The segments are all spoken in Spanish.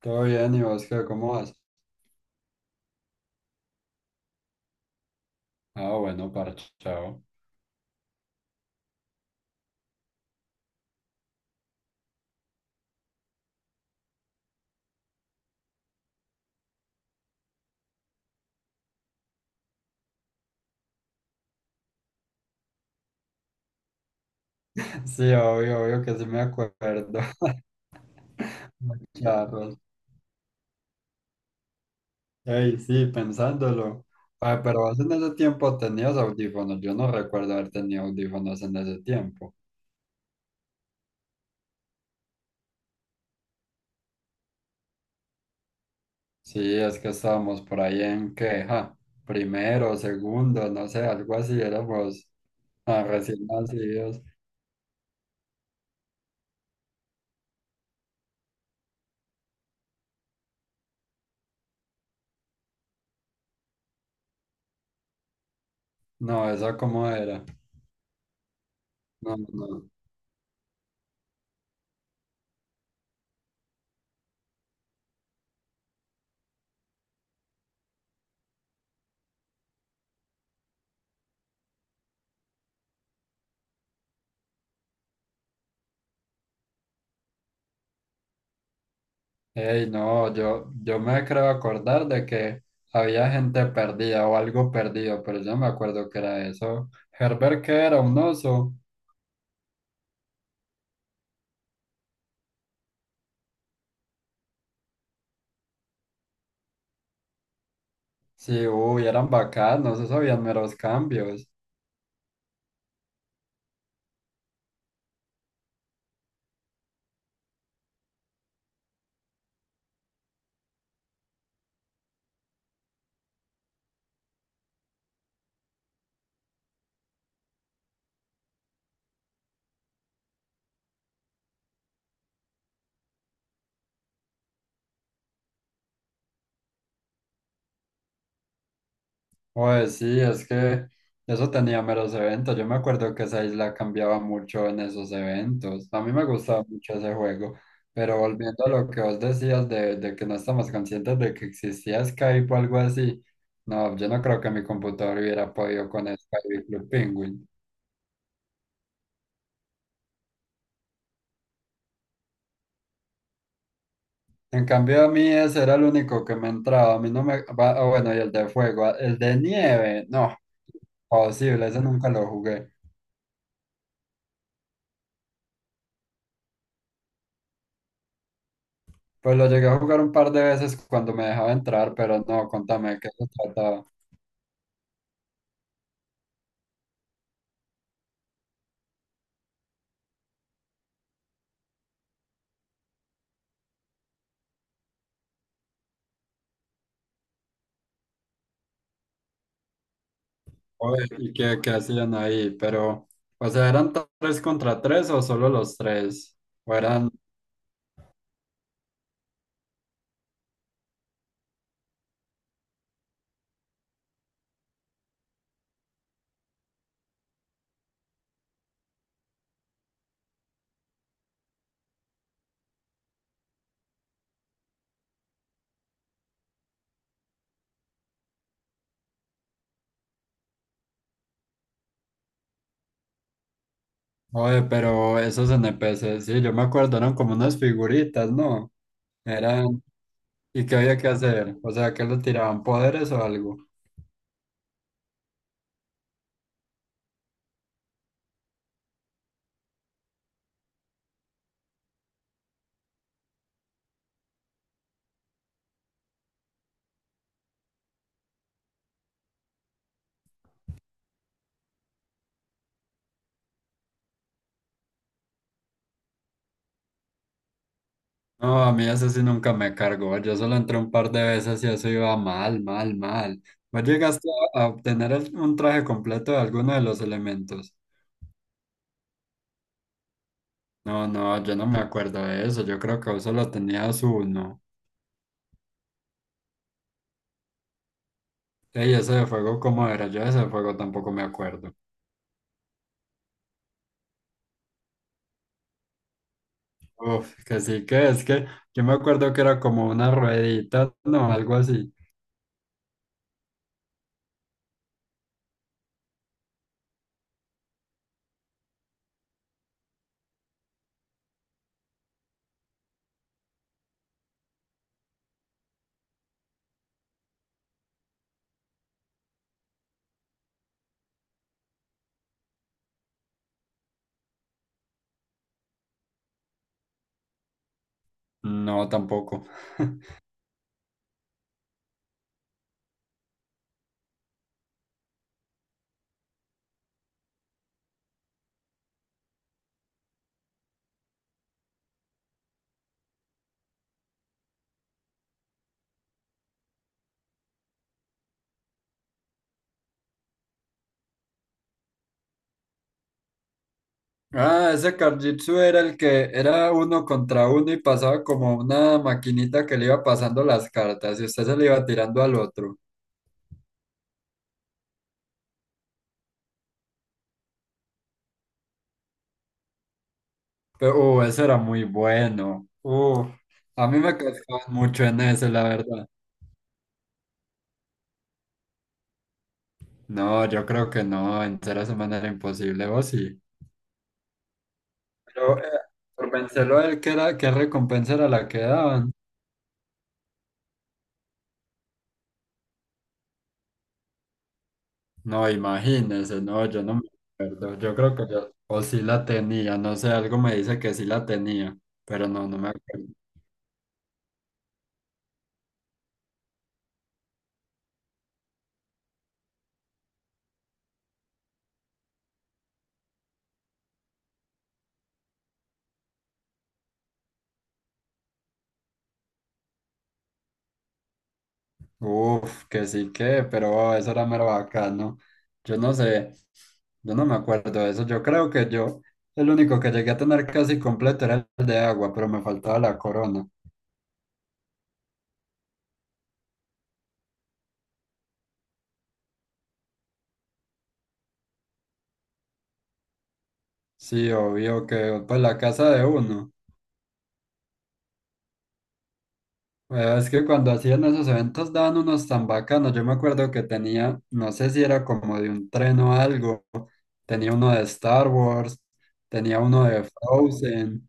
Todo bien, ¿y vos qué? ¿Cómo vas? Ah, bueno, parchao. Sí, obvio, que sí me acuerdo. Charros. Ey, sí, pensándolo. Ah, pero vos en ese tiempo tenías audífonos. Yo no recuerdo haber tenido audífonos en ese tiempo. Sí, es que estábamos por ahí en que, ja, primero, segundo, no sé, algo así. Éramos ah, recién nacidos. No, eso cómo era. No, no. no. Ey, no, yo me creo acordar de que había gente perdida o algo perdido, pero yo no me acuerdo que era eso. Herbert que era un oso. Sí, uy, eran bacanos, esos habían meros cambios. Pues sí, es que eso tenía meros eventos. Yo me acuerdo que esa isla cambiaba mucho en esos eventos. A mí me gustaba mucho ese juego, pero volviendo a lo que vos decías de que no estamos conscientes de que existía Skype o algo así, no, yo no creo que mi computador hubiera podido con Skype y Club Penguin. En cambio, a mí ese era el único que me entraba. A mí no me... ah, bueno, y el de fuego, el de nieve, no, posible, ese nunca lo jugué. Pues lo llegué a jugar un par de veces cuando me dejaba entrar, pero no, contame qué se trataba. Oye, y qué hacían ahí, pero, o sea, ¿eran tres contra tres o solo los tres? O eran, oye, pero esos N P NPCs, sí, yo me acuerdo, eran como unas figuritas, ¿no? Eran, ¿y qué había que hacer? O sea, ¿qué le tiraban poderes o algo? No, a mí eso sí nunca me cargó, yo solo entré un par de veces y eso iba mal, mal, mal. ¿Vos llegaste a obtener un traje completo de alguno de los elementos? No, no, yo no me acuerdo de eso. Yo creo que vos solo tenías uno. Ey, ese de fuego, ¿cómo era? Yo ese de fuego tampoco me acuerdo. Uf, que sí que es que yo me acuerdo que era como una ruedita, no, algo así. No, tampoco. Ah, ese Karjitsu era el que era uno contra uno y pasaba como una maquinita que le iba pasando las cartas y usted se le iba tirando al otro. Pero, ese era muy bueno. A mí me cascaban mucho en ese, la verdad. No, yo creo que no, en cera semana era imposible, vos sí. Pero por pensarlo, él qué era, qué recompensa era la que daban. No, imagínese, no, yo no me acuerdo. Yo creo que yo, o sí la tenía, no sé, algo me dice que sí la tenía, pero no, no me acuerdo. Uf, que sí que, pero oh, eso era mero bacano. Yo no sé, yo no me acuerdo de eso. Yo creo que yo, el único que llegué a tener casi completo era el de agua, pero me faltaba la corona. Sí, obvio que, pues la casa de uno. Bueno, es que cuando hacían esos eventos daban unos tan bacanos. Yo me acuerdo que tenía, no sé si era como de un tren o algo, tenía uno de Star Wars, tenía uno de Frozen.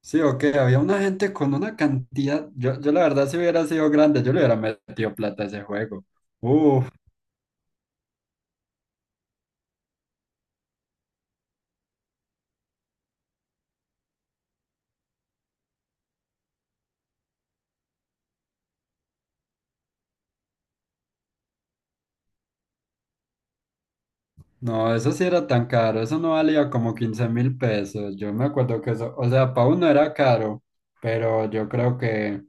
Sí, o qué, había una gente con una cantidad. Yo la verdad, si hubiera sido grande, yo le hubiera metido plata a ese juego. Uf, no, eso sí era tan caro, eso no valía como 15.000 pesos. Yo me acuerdo que eso, o sea, para uno era caro, pero yo creo que.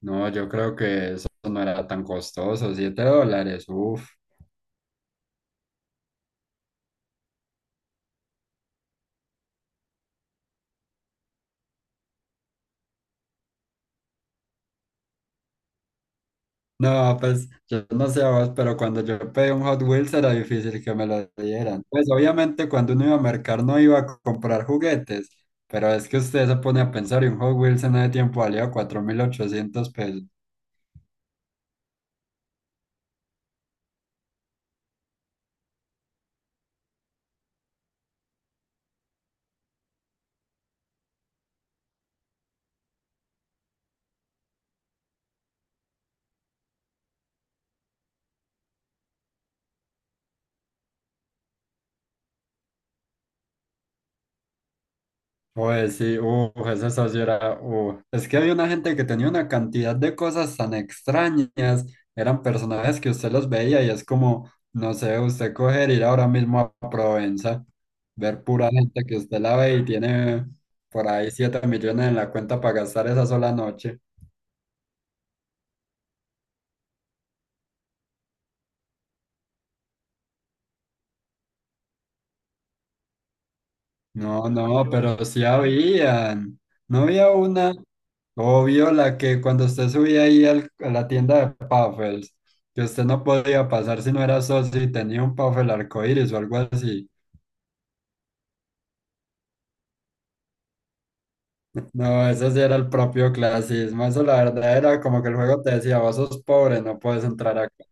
No, yo creo que eso no era tan costoso, 7 dólares, uff. No, pues yo no sé vos, pero cuando yo pedí un Hot Wheels era difícil que me lo dieran. Pues obviamente cuando uno iba a mercar no iba a comprar juguetes, pero es que usted se pone a pensar y un Hot Wheels en ese tiempo valía 4.800 pesos. Oye, sí, eso sí era. Es que había una gente que tenía una cantidad de cosas tan extrañas, eran personajes que usted los veía y es como, no sé, usted coger, ir ahora mismo a Provenza, ver pura gente que usted la ve y tiene por ahí 7 millones en la cuenta para gastar esa sola noche. No, no, pero sí habían, no había una, obvio, la que cuando usted subía ahí a la tienda de Puffles, que usted no podía pasar si no era socio y tenía un Puffle arcoíris o algo así. No, eso sí era el propio clasismo. Eso la verdad era como que el juego te decía, vos sos pobre, no puedes entrar acá.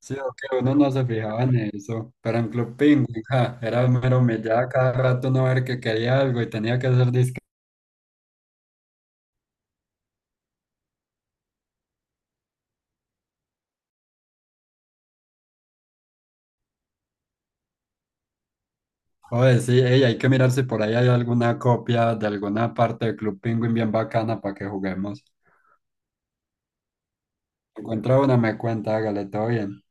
Sí, o que uno no se fijaba en eso. Pero en Club Penguin, ja, era mero humillada cada rato uno ver que quería algo y tenía que hacer disque. Oye, sí, ey, hay que mirar si por ahí hay alguna copia de alguna parte de Club Penguin bien bacana para que juguemos. Encuentra una, me cuenta, hágale, todo bien.